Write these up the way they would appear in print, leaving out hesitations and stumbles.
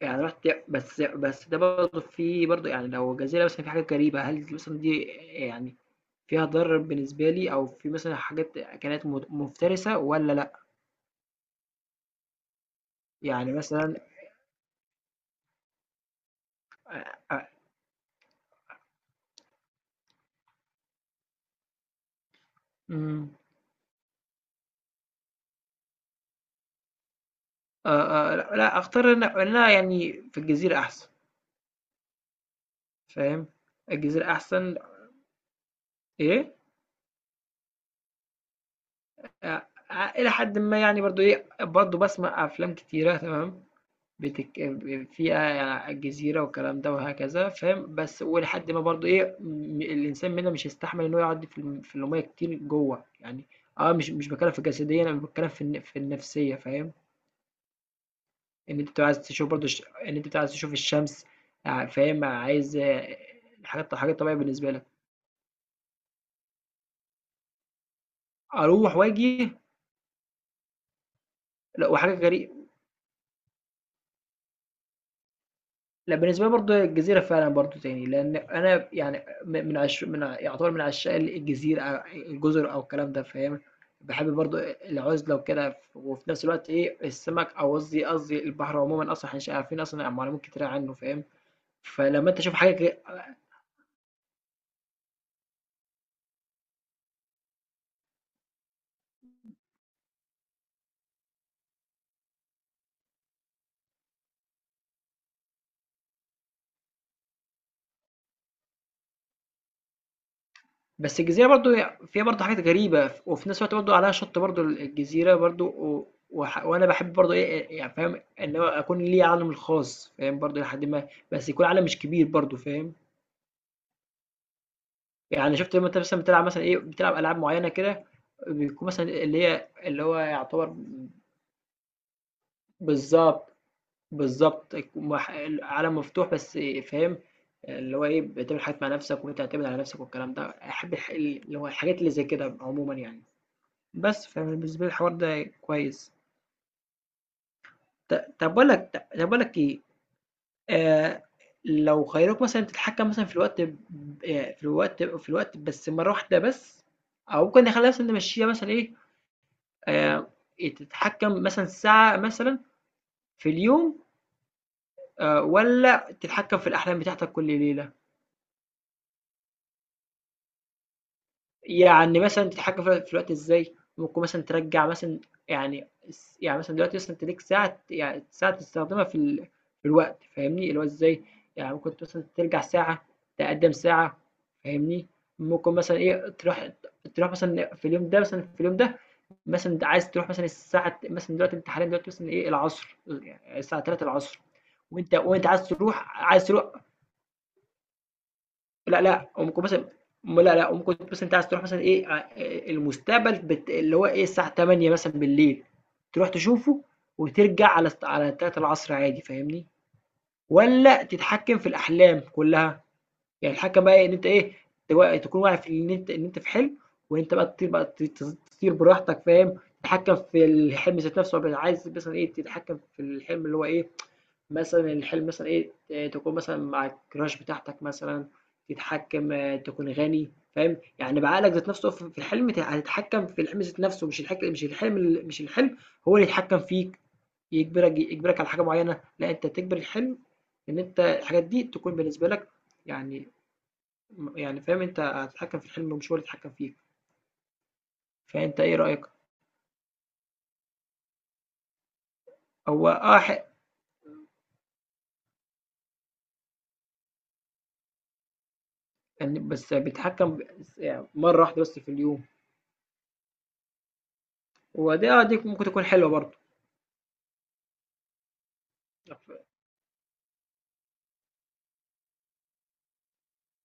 رُحت، بس ده برضه برضه يعني لو جزيرة مثلًا فيها حاجات غريبة، هل مثلًا دي يعني فيها ضرر بالنسبة لي، أو في مثلًا حاجات أكلات مفترسة والّا لأ؟ يعني مثلًا أ أ إمم. لأ، لأ، أختار إن أنا يعني في الجزيرة أحسن، فاهم؟ الجزيرة أحسن. إيه؟ أ أ إلى حدٍ ما يعني برضه إيه، برضه باسمع أفلام كتيرة، تمام؟ بتك... فيها جزيرة والكلام ده وهكذا، فاهم؟ بس ولحد ما برضو ايه، الانسان منها مش هيستحمل ان هو يقعد في المية كتير جوه يعني. اه، مش بتكلم في الجسدية، انا بتكلم في النفسية، فاهم؟ ان انت بتبقى عايز تشوف برضو ان انت بتبقى عايز تشوف الشمس. آه، فاهم، عايز آه، حاجات طبيعية بالنسبة لك. اروح واجي. لا، وحاجة غريبة. لا، بالنسبة لي برضه الجزيرة فعلًا برضه تاني، لإن أنا يعني م من عش من ع يعتبر من عشاق الجزيرة، الجزر أو الكلام ده، فاهم؟ باحب برضه العُزلة وكده، ف وفي نفس الوقت إيه، السمك، أو قصدي البحر عمومًا، أصلًا إحنا مش عارفين أصلًا معلومات كتيرة عنه، فاهم؟ فلمّا أنت تشوف حاجة ك بس الجزيرة برضه هي فيها برضه حاجات غريبة، ف وفي نفس الوقت برضه عليها شَط برضه، الجزيرة برضه و وح وأنا باحب برضه إيه، يعني فاهم، إن هو أكون ليّا عالمي الخاص، فاهم؟ برضه إلى حدٍ ما، بس يكون عالم مش كبير برضه، فاهم؟ يعني شُفت لمّا أنت مثلًا بتلعب مثلًا إيه، بتلعب ألعاب معيّنة كده، بيكون مثلًا اللي هي اللي هو يعتبر بالضبط، بالضبط. يك مح ال عالم مفتوح بس إيه، فاهم، اللي هو إيه، بتعمل حاجات مع نَفْسك وبتعتمد على نَفْسك والكلام ده. أحب الح اللي هو الحاجات اللي زي كده عمومًا يعني. بس فبالنسبة لي الحوار ده كويس. ط طَب باقول لك ط طَب باقول لك إيه، آآ لو خيّروك مثلًا تتحكّم مثلًا في الوقت، في الوقت بس مرّة واحدة بس، أو ممكن نخلّيها مثلًا نمشّيها مثلًا إيه، آه، إيه، تتحكم مثلا ساعة مثلا في اليوم، آه، ولا تتحكم في الأحلام بتاعتك كل ليلة؟ يعني مثلا تتحكم في الوقت إزاي، ممكن مثلا ترجع مثلا، يعني، يعني مثلا دلوقتي مثلا أنت ليك ساعة، يعني ساعة تستخدمها في, في الوقت، فاهمني؟ اللي هو إزاي، يعني ممكن مثلا ترجع ساعة، تقدم ساعة، فاهمني؟ ممكن مثلا إيه تروح، تروح مثلا في اليوم ده مثلا في اليوم ده مثلًا أنت عايز تروح مثلًا الساعة مثلًا، دلوقتي أنت حاليًا دلوقتي مثلًا إيه العصر، يعني الساعة 15:00، وأنت عايز تروح، عايز تروح، لأ، لأ، ممكن مثلًا، لأ، لأ، ممكن مثلًا أنت عايز تروح مثلًا إيه، المستقبل، اللي هو إيه الساعة 20:00 مثلًا بالليل، تروح تشوفه وترجع على 15:00 عادي، فاهمني؟ والّا تتحكم في الأحلام كلها؟ يعني الحكم بقى إيه؟ إن أنت إيه، تكون واعي في إن أنت، في حلم، وإن أنت بقى تطير بقى، تطير براحتك، فاهم؟ تتحكم في الحلم ذات نفسه، وبقى عايز مثلا إيه تتحكم في الحلم اللي هو إيه، مثلا الحلم مثلا إيه تكون مثلا مع الكراش بتاعتك مثلا، تتحكم آه، تكون غني، فاهم؟ يعني بعقلك ذات نفسه في الحلم، هتتحكم في الحلم ذات نفسه، مش الحلم، مش الحلم، هو اللي يتحكم فيك، يجبرك على حاجه معينه، لا انت تجبر الحلم، ان انت الحاجات دي تكون بالنسبه لك يعني، يعني فاهم أنت هتتحكم في الحلم مش هو اللي يتحكم فيك. فأنت إيه رأيك؟ هو آه حق. يعني بس بيتحكم يعني مرة واحدة بس في اليوم. ودي آه دي ممكن تكون حلوة برضه.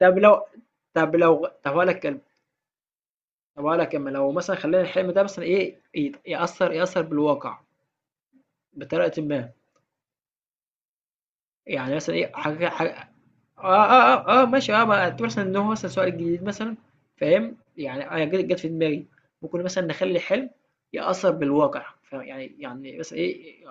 طب لو طب هقول لك كلمة، طب هقول لك كلمة لو مثلا خلينا الحلم ده مثلا إيه، يأثر، يأثر بالواقع بطريقة ما. يعني مثلا إيه حاجة، اه, آه، ماشي، اه، ما اعتبر مثلا ان هو مثلا سؤال جديد مثلا، فاهم؟ يعني انا جت في دماغي، ممكن مثلا نخلي حلم يأثر بالواقع، فاهم؟ يعني بس ايه،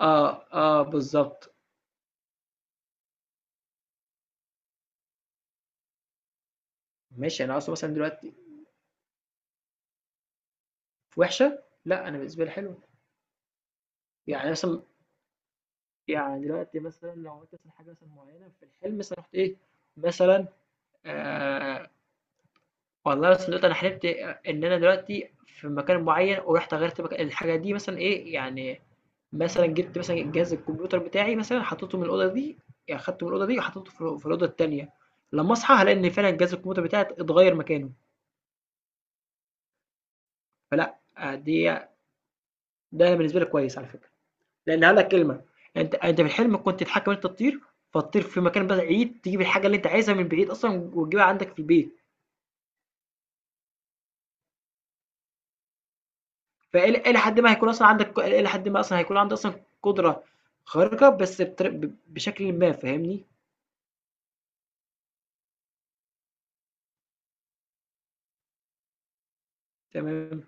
اه بالظبط. ماشي، انا اصلا مثلا دلوقتي في وحشه، لا انا بالنسبه لي حلوه. يعني مثلا يعني دلوقتي مثلا لو عملت مثلا حاجه مثلا معينه في الحلم مثلا رحت ايه مثلا، آه، والله مثلا دلوقتي انا حلمت ان انا دلوقتي في مكان معين ورحت غيرت مكان الحاجه دي مثلا ايه يعني، مثلًا جِبت مثلًا جهاز الكمبيوتر بتاعي مثلًا حطّيته من الأوضة دي، يعني خدته من الأوضة دي وحطّيته في الأوضة التانية. لمّا أصحى هالاقي إن فعلًا جهاز الكمبيوتر بتاعي اتغيّر مكانه. فلأ آه، دي، ده بالنسبة لي كويس على فكرة، لإن هاقول لك كلمة، أنت في الحلم كنت تحكّم إن أنت تطير، فتطير في مكان بعيد، تجيب الحاجة اللي أنت عايزها من بعيد أصلًا وتجيبها عندك في البيت. فإلى إلى حدٍ ما هيكون أصلًا عندك إلى حدٍ ما أصلًا هيكون عندي أصلًا قدرة خارقة، بس بطري ب بشكلٍ ما، فاهمني؟ تمام.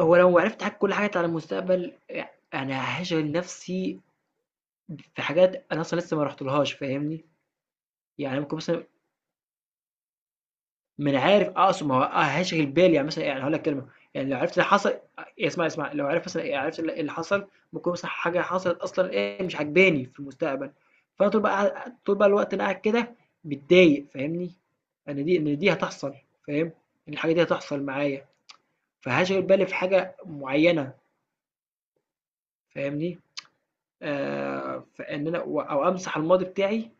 هو لو عرفت حاجة، كل حاجة على المستقبل، أنا هاشغل نفسي في حاجات أنا أصلًا لسه ما رُحتلهاش، فاهمني؟ يعني ممكن مثلًا، ما أنا عارف آه، أقصد ما هو هاشغل بالي يعني مثلًا، يعني هاقول لك كلمة، يعني لو عرفت اللي حصل إيه، اسمع، اسمع، لو عرفت مثلًا، يعني عرفت اللي حصل، ممكن مثلًا حاجة حصلت أصلًا إيه مش عاجباني في المستقبل، فأنا طول بقى طول بقى الوقت أنا قاعد كده متضايق، فاهمني؟ أنا دي إن دي هتحصل، فاهم؟ إن الحاجة دي هتحصل معايا، فهاشغل بالي في حاجة معينة، فاهمني؟ آه، فان انا و- او امسح الماضي بتاعي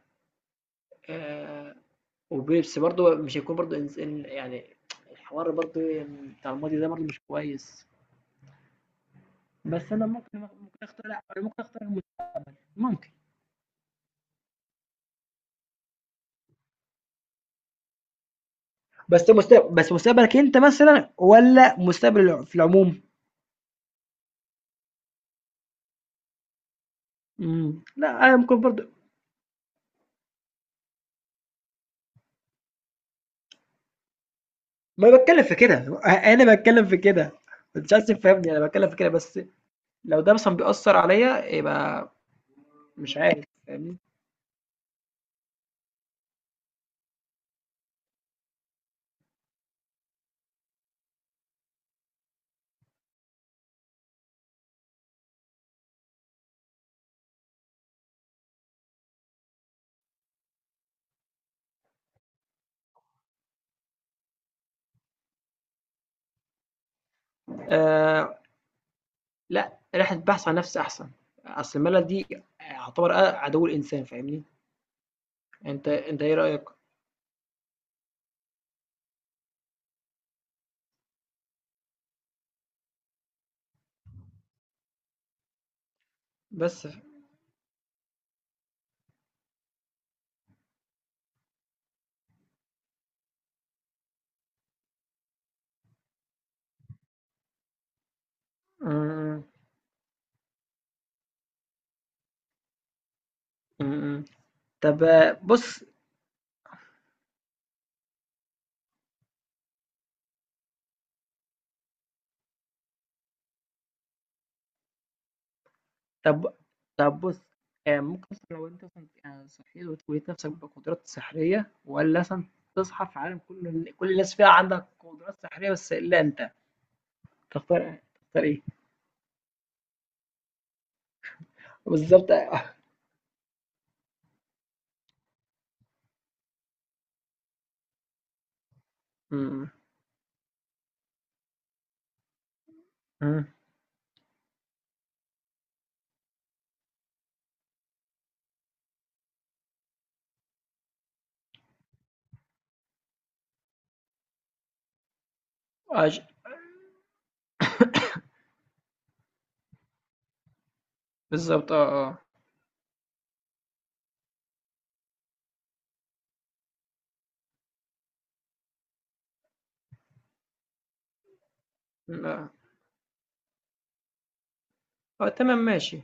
آه، وبس برضه مش هيكون برضه يعني الحوار برضه بتاع الماضي ده برضه مش كويس. بس انا ممكن، ممكن اختار لا أنا ممكن اختار ممكن. بس مستقبل، بس مستقبلك انت مثلا ولا مستقبل في العموم؟ مم. لا انا ممكن برضه. ما بتكلم في كده، انا بتكلم في كده، مش عايز تفهمني، انا بتكلم في كده بس، لو ده مثلا بيأثر عليا يبقى مش عارف، فاهمني؟ آه، لأ، رحلة بحث عن نفس أحسن، أصل الملل دي يعتبر عدو الإنسان، فاهمني؟ أنت إيه رأيك؟ بس ف، إمم. إمم. إمم. طب آه، بُص، طب، طب بُص، ممكن مثلًا لو أنت مثلًا صحيت ولقيت نفسك بقدرات سحرية والّا مثلًا تصحى في عالم كل كل الناس فيه عندها قدرات سحرية بس إلا أنت، تختار، تختار إيه؟ بالضبط آه. إمم، إمم. آه ش بالضبط آه، آه. إمم، آه. آه تمام ماشي.